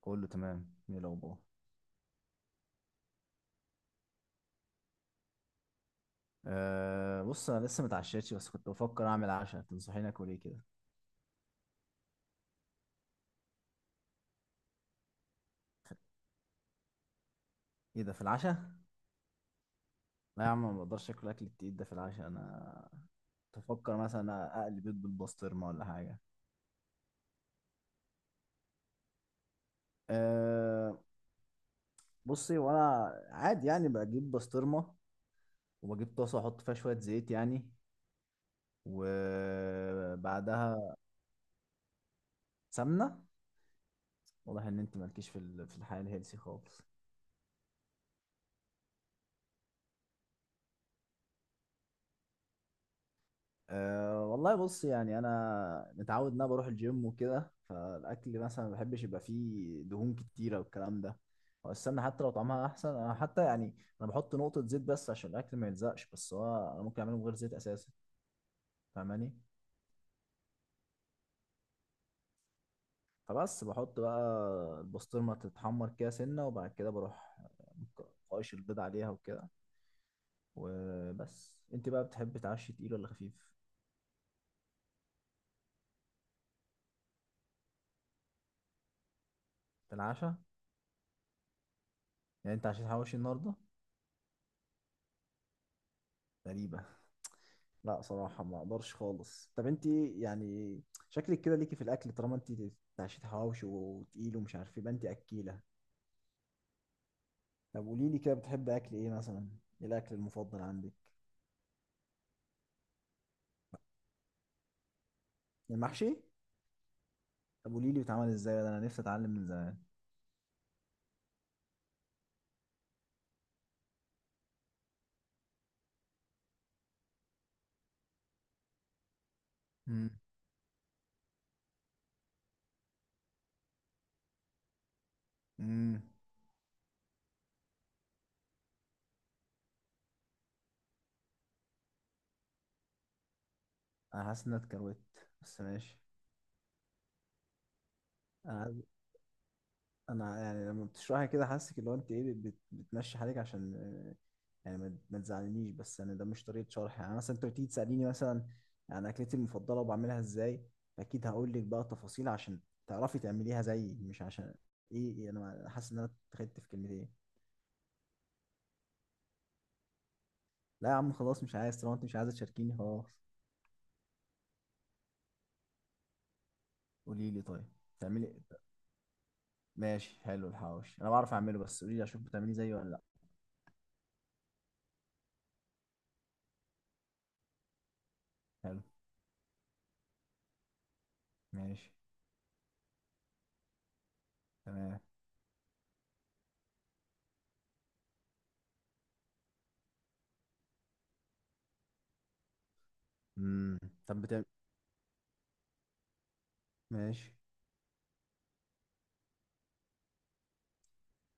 كله تمام. ايه الاخبار؟ أه بص، انا لسه متعشيتش بس كنت بفكر اعمل عشاء. تنصحيني اكل ايه كده؟ ايه ده في العشاء؟ لا يا عم، ما بقدرش اكل اكل التقيل ده في العشاء انا. تفكر مثلا اقلي بيض بالبسطرمه ولا حاجه؟ أه. بصي، وانا عادي يعني بجيب بسطرمه، وبجيب طاسه احط فيها شويه زيت يعني، وبعدها سمنه. واضح ان انت مالكيش في في الحياه الهيلسي خالص. أه والله بص، يعني انا متعود ان انا بروح الجيم وكده، فالاكل مثلا ما بحبش يبقى فيه دهون كتيره والكلام ده. هو السمنه حتى لو طعمها احسن، انا حتى يعني انا بحط نقطه زيت بس عشان الاكل ما يلزقش، بس هو انا ممكن اعمله من غير زيت اساسا. فاهماني؟ فبس بحط بقى البسطرمه تتحمر كده سنه، وبعد كده بروح قايش البيض عليها وكده. وبس انت بقى بتحب تعشي تقيل ولا خفيف؟ في العشاء؟ يعني انت عشان حواوشي النهارده. غريبه. لا صراحة ما اقدرش خالص. طب انت يعني شكلك كده ليكي في الاكل، طالما انت بتعشي حواوشي وتقيل ومش عارف يبقى انت اكيلة. طب قولي لي كده، بتحب اكل ايه مثلا؟ ايه الاكل المفضل عندك؟ المحشي. طب قولي لي بيتعمل ازاي ده، انا نفسي اتعلم من زمان. مم. مم. انا حاسس ان انا اتكروت. بس ماشي. انا انا يعني لما بتشرحي كده حاسك اللي هو انت ايه بتمشي حالك عشان يعني ما ما تزعلنيش. بس يعني ده مش طريقه شرح. يعني مثلا انت بتيجي تساليني مثلا عن اكلتي المفضله وبعملها ازاي، اكيد هقول لك بقى تفاصيل عشان تعرفي تعمليها زيي، مش عشان ايه. انا حاسس ان انا اتخدت في كلمتين. لا يا عم خلاص مش عايز، طالما انت مش عايزه تشاركيني خلاص. قولي لي طيب. تعملي. ماشي حلو، الحواوشي انا بعرف اعمله، بس قولي لي اشوف بتعمليه زيي ولا لا. حلو. ماشي. تمام. امم. طب بتعمل. ماشي.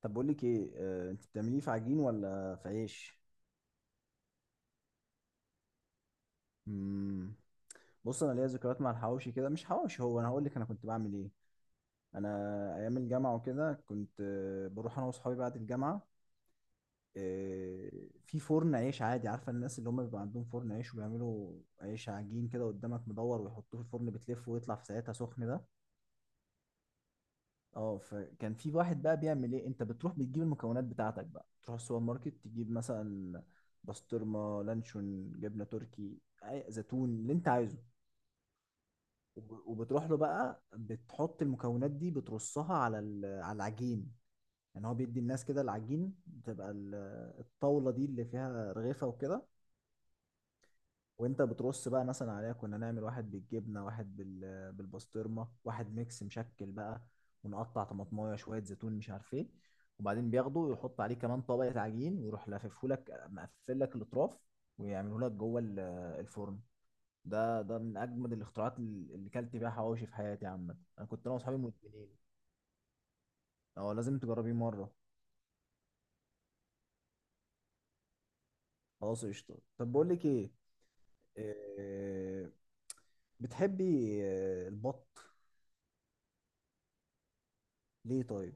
طب بقول لك ايه، انت بتعمليه في عجين ولا في عيش؟ مم. بص، انا ليا ذكريات مع الحواوشي كده. مش حواوشي، هو انا هقول لك انا كنت بعمل ايه. انا ايام الجامعه وكده كنت بروح انا واصحابي بعد الجامعه، آه، في فرن عيش عادي. عارفه الناس اللي هم بيبقى عندهم فرن عيش وبيعملوا عيش عجين كده قدامك مدور ويحطوه في الفرن بتلفه ويطلع في ساعتها سخن ده. اه، فكان في واحد بقى بيعمل ايه، انت بتروح بتجيب المكونات بتاعتك بقى، تروح السوبر ماركت تجيب مثلا بسطرمة لانشون جبنة تركي زيتون اللي انت عايزه. وبتروح له بقى بتحط المكونات دي بترصها على على العجين. يعني هو بيدي الناس كده العجين، بتبقى الطاولة دي اللي فيها رغيفة وكده. وانت بترص بقى مثلا عليها، كنا نعمل واحد بالجبنه، واحد بالبسطرمه، واحد ميكس مشكل بقى، ونقطع طماطمايه شويه زيتون مش عارف ايه. وبعدين بياخده ويحط عليه كمان طبقه عجين ويروح لاففه لك، مقفل لك الاطراف، ويعمله لك جوه الفرن. ده من اجمد الاختراعات اللي كلت بيها حواوشي في حياتي. عامه انا كنت انا واصحابي مدمنين. اه لازم تجربيه مره. خلاص قشطه، طب بقول لك ايه. إيه، بتحبي البط؟ ليه طيب؟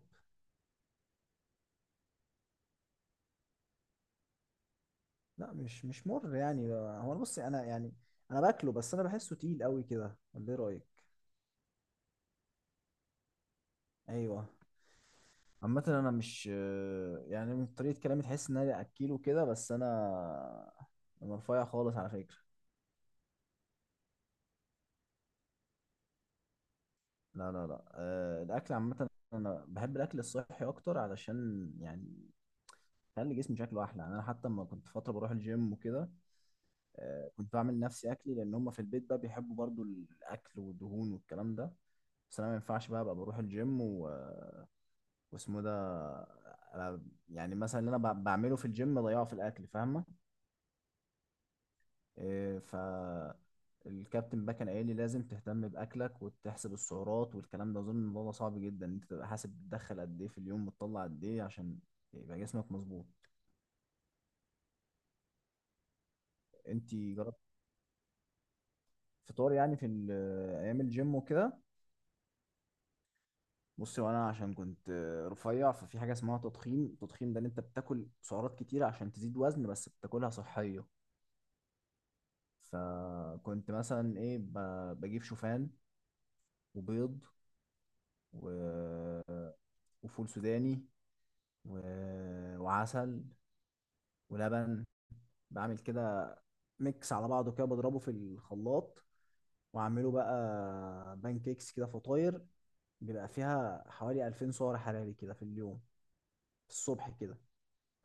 لا مش مر يعني. هو انا بصي انا يعني انا باكله، بس انا بحسه تقيل قوي كده، ولا ايه رايك؟ ايوه. عامة انا مش يعني من طريقة كلامي تحس ان انا اكله كده، بس انا رفيع خالص على فكرة. لا لا لا، أه الاكل عامة انا بحب الاكل الصحي اكتر علشان يعني خلي جسمي شكله احلى. يعني انا حتى لما كنت فترة بروح الجيم وكده أه كنت بعمل نفسي اكلي، لان هم في البيت بقى بيحبوا برضو الاكل والدهون والكلام ده. بس انا ما ينفعش بقى ابقى بروح الجيم واسمه ده. أنا يعني مثلا اللي انا بعمله في الجيم بضيعه في الاكل، فاهمه؟ إيه ف الكابتن بقى كان قايل لي لازم تهتم باكلك وتحسب السعرات والكلام ده. اظن الموضوع ده صعب جدا، انت تبقى حاسب بتدخل قد ايه في اليوم بتطلع قد ايه عشان يبقى جسمك مظبوط. انت جربت فطار يعني في ايام الجيم وكده؟ بصي، وانا عشان كنت رفيع ففي حاجه اسمها تضخيم، التضخيم ده ان انت بتاكل سعرات كتيره عشان تزيد وزن بس بتاكلها صحيه. فكنت مثلا ايه بجيب شوفان، وبيض، و... وفول سوداني، و... وعسل، ولبن، بعمل كده ميكس على بعضه كده بضربه في الخلاط، واعمله بقى بانكيكس كده فطاير. بيبقى فيها حوالي 2000 سعر حراري كده في اليوم، في الصبح كده.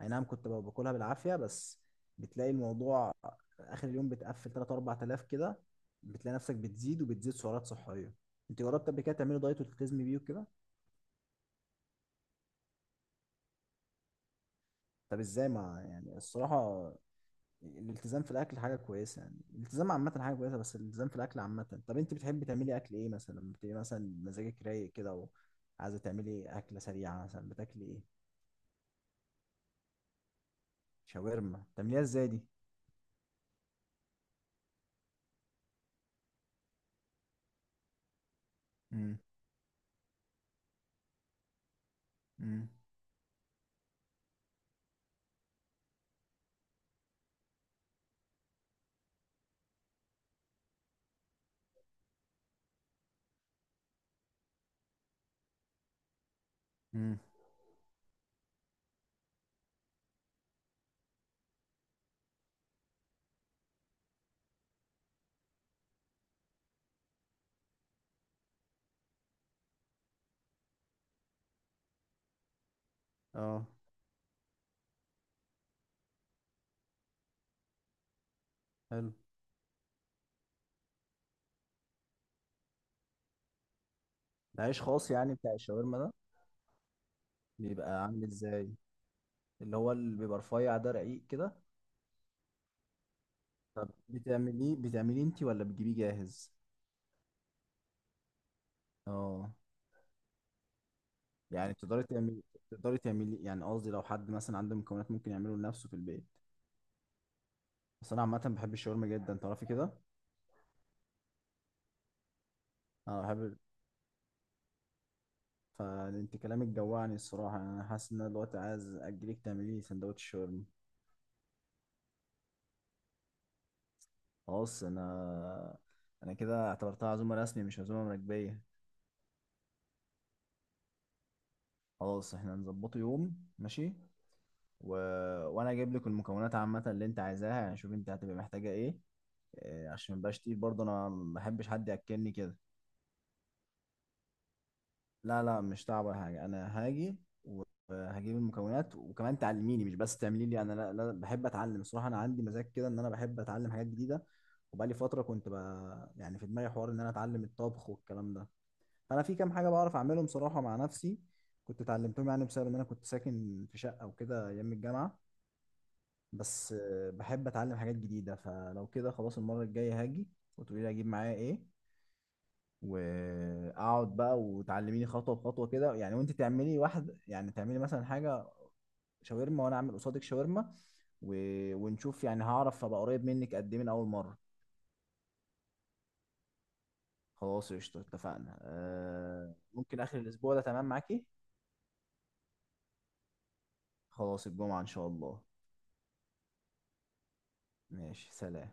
اي نعم كنت بقى باكلها بالعافية، بس بتلاقي الموضوع اخر اليوم بتقفل 3 4000 كده. بتلاقي نفسك بتزيد، وبتزيد سعرات صحيه. انت جربت قبل كده تعملي دايت وتلتزمي بيه وكده؟ طب ازاي؟ ما يعني الصراحه الالتزام في الاكل حاجه كويسه، يعني الالتزام عامه حاجه كويسه بس الالتزام في الاكل عامه. طب انت بتحبي تعملي اكل ايه مثلا لما بتبقي مثلا مزاجك رايق كده وعايزه تعملي اكله سريعه، مثلا بتاكلي ايه؟ شاورما. بتعمليها ازاي دي؟ امم. امم. امم. اه. حلو. العيش خاص يعني بتاع الشاورما ده؟ بيبقى عامل ازاي؟ اللي هو اللي بيبقى رفيع ده، رقيق كده؟ طب بتعمليه انت ولا بتجيبيه جاهز؟ اه. يعني تقدري تعملي يعني قصدي لو حد مثلا عنده مكونات ممكن يعمله لنفسه في البيت. بس انا عامه بحب الشاورما جدا، تعرفي كده. اه بحب. فانت كلامك جوعني الصراحه. يعني انا حاسس ان انا دلوقتي عايز اجيلك تعملي لي سندوتش شاورما. خلاص، انا كده اعتبرتها عزومه رسمي مش عزومه مراكبيه. خلاص احنا هنظبطه يوم. ماشي. و... وانا اجيب لك المكونات عامه اللي انت عايزاها، يعني شوف انت هتبقى محتاجه ايه، عشان مبقاش تقيل برضه، انا ما بحبش حد ياكلني كده. لا لا، مش تعب ولا حاجه. انا هاجي، هجيب المكونات وكمان تعلميني، مش بس تعملي لي انا. لا, لا بحب اتعلم الصراحه، انا عندي مزاج كده ان انا بحب اتعلم حاجات جديده. وبقالي فتره كنت بقى يعني في دماغي حوار ان انا اتعلم الطبخ والكلام ده. فانا في كام حاجه بعرف اعملهم صراحه مع نفسي، كنت اتعلمتهم يعني بسبب ان انا كنت ساكن في شقه وكده ايام الجامعه. بس بحب اتعلم حاجات جديده. فلو كده خلاص المره الجايه هاجي وتقولي لي اجيب معايا ايه، واقعد بقى وتعلميني خطوه بخطوه كده. يعني وانت تعملي واحد، يعني تعملي مثلا حاجه شاورما وانا اعمل قصادك شاورما، و... ونشوف يعني هعرف ابقى قريب منك قد ايه من اول مره. خلاص قشطه اتفقنا. آه ممكن اخر الاسبوع ده تمام معاكي؟ خلاص الجمعه ان شاء الله. ماشي سلام.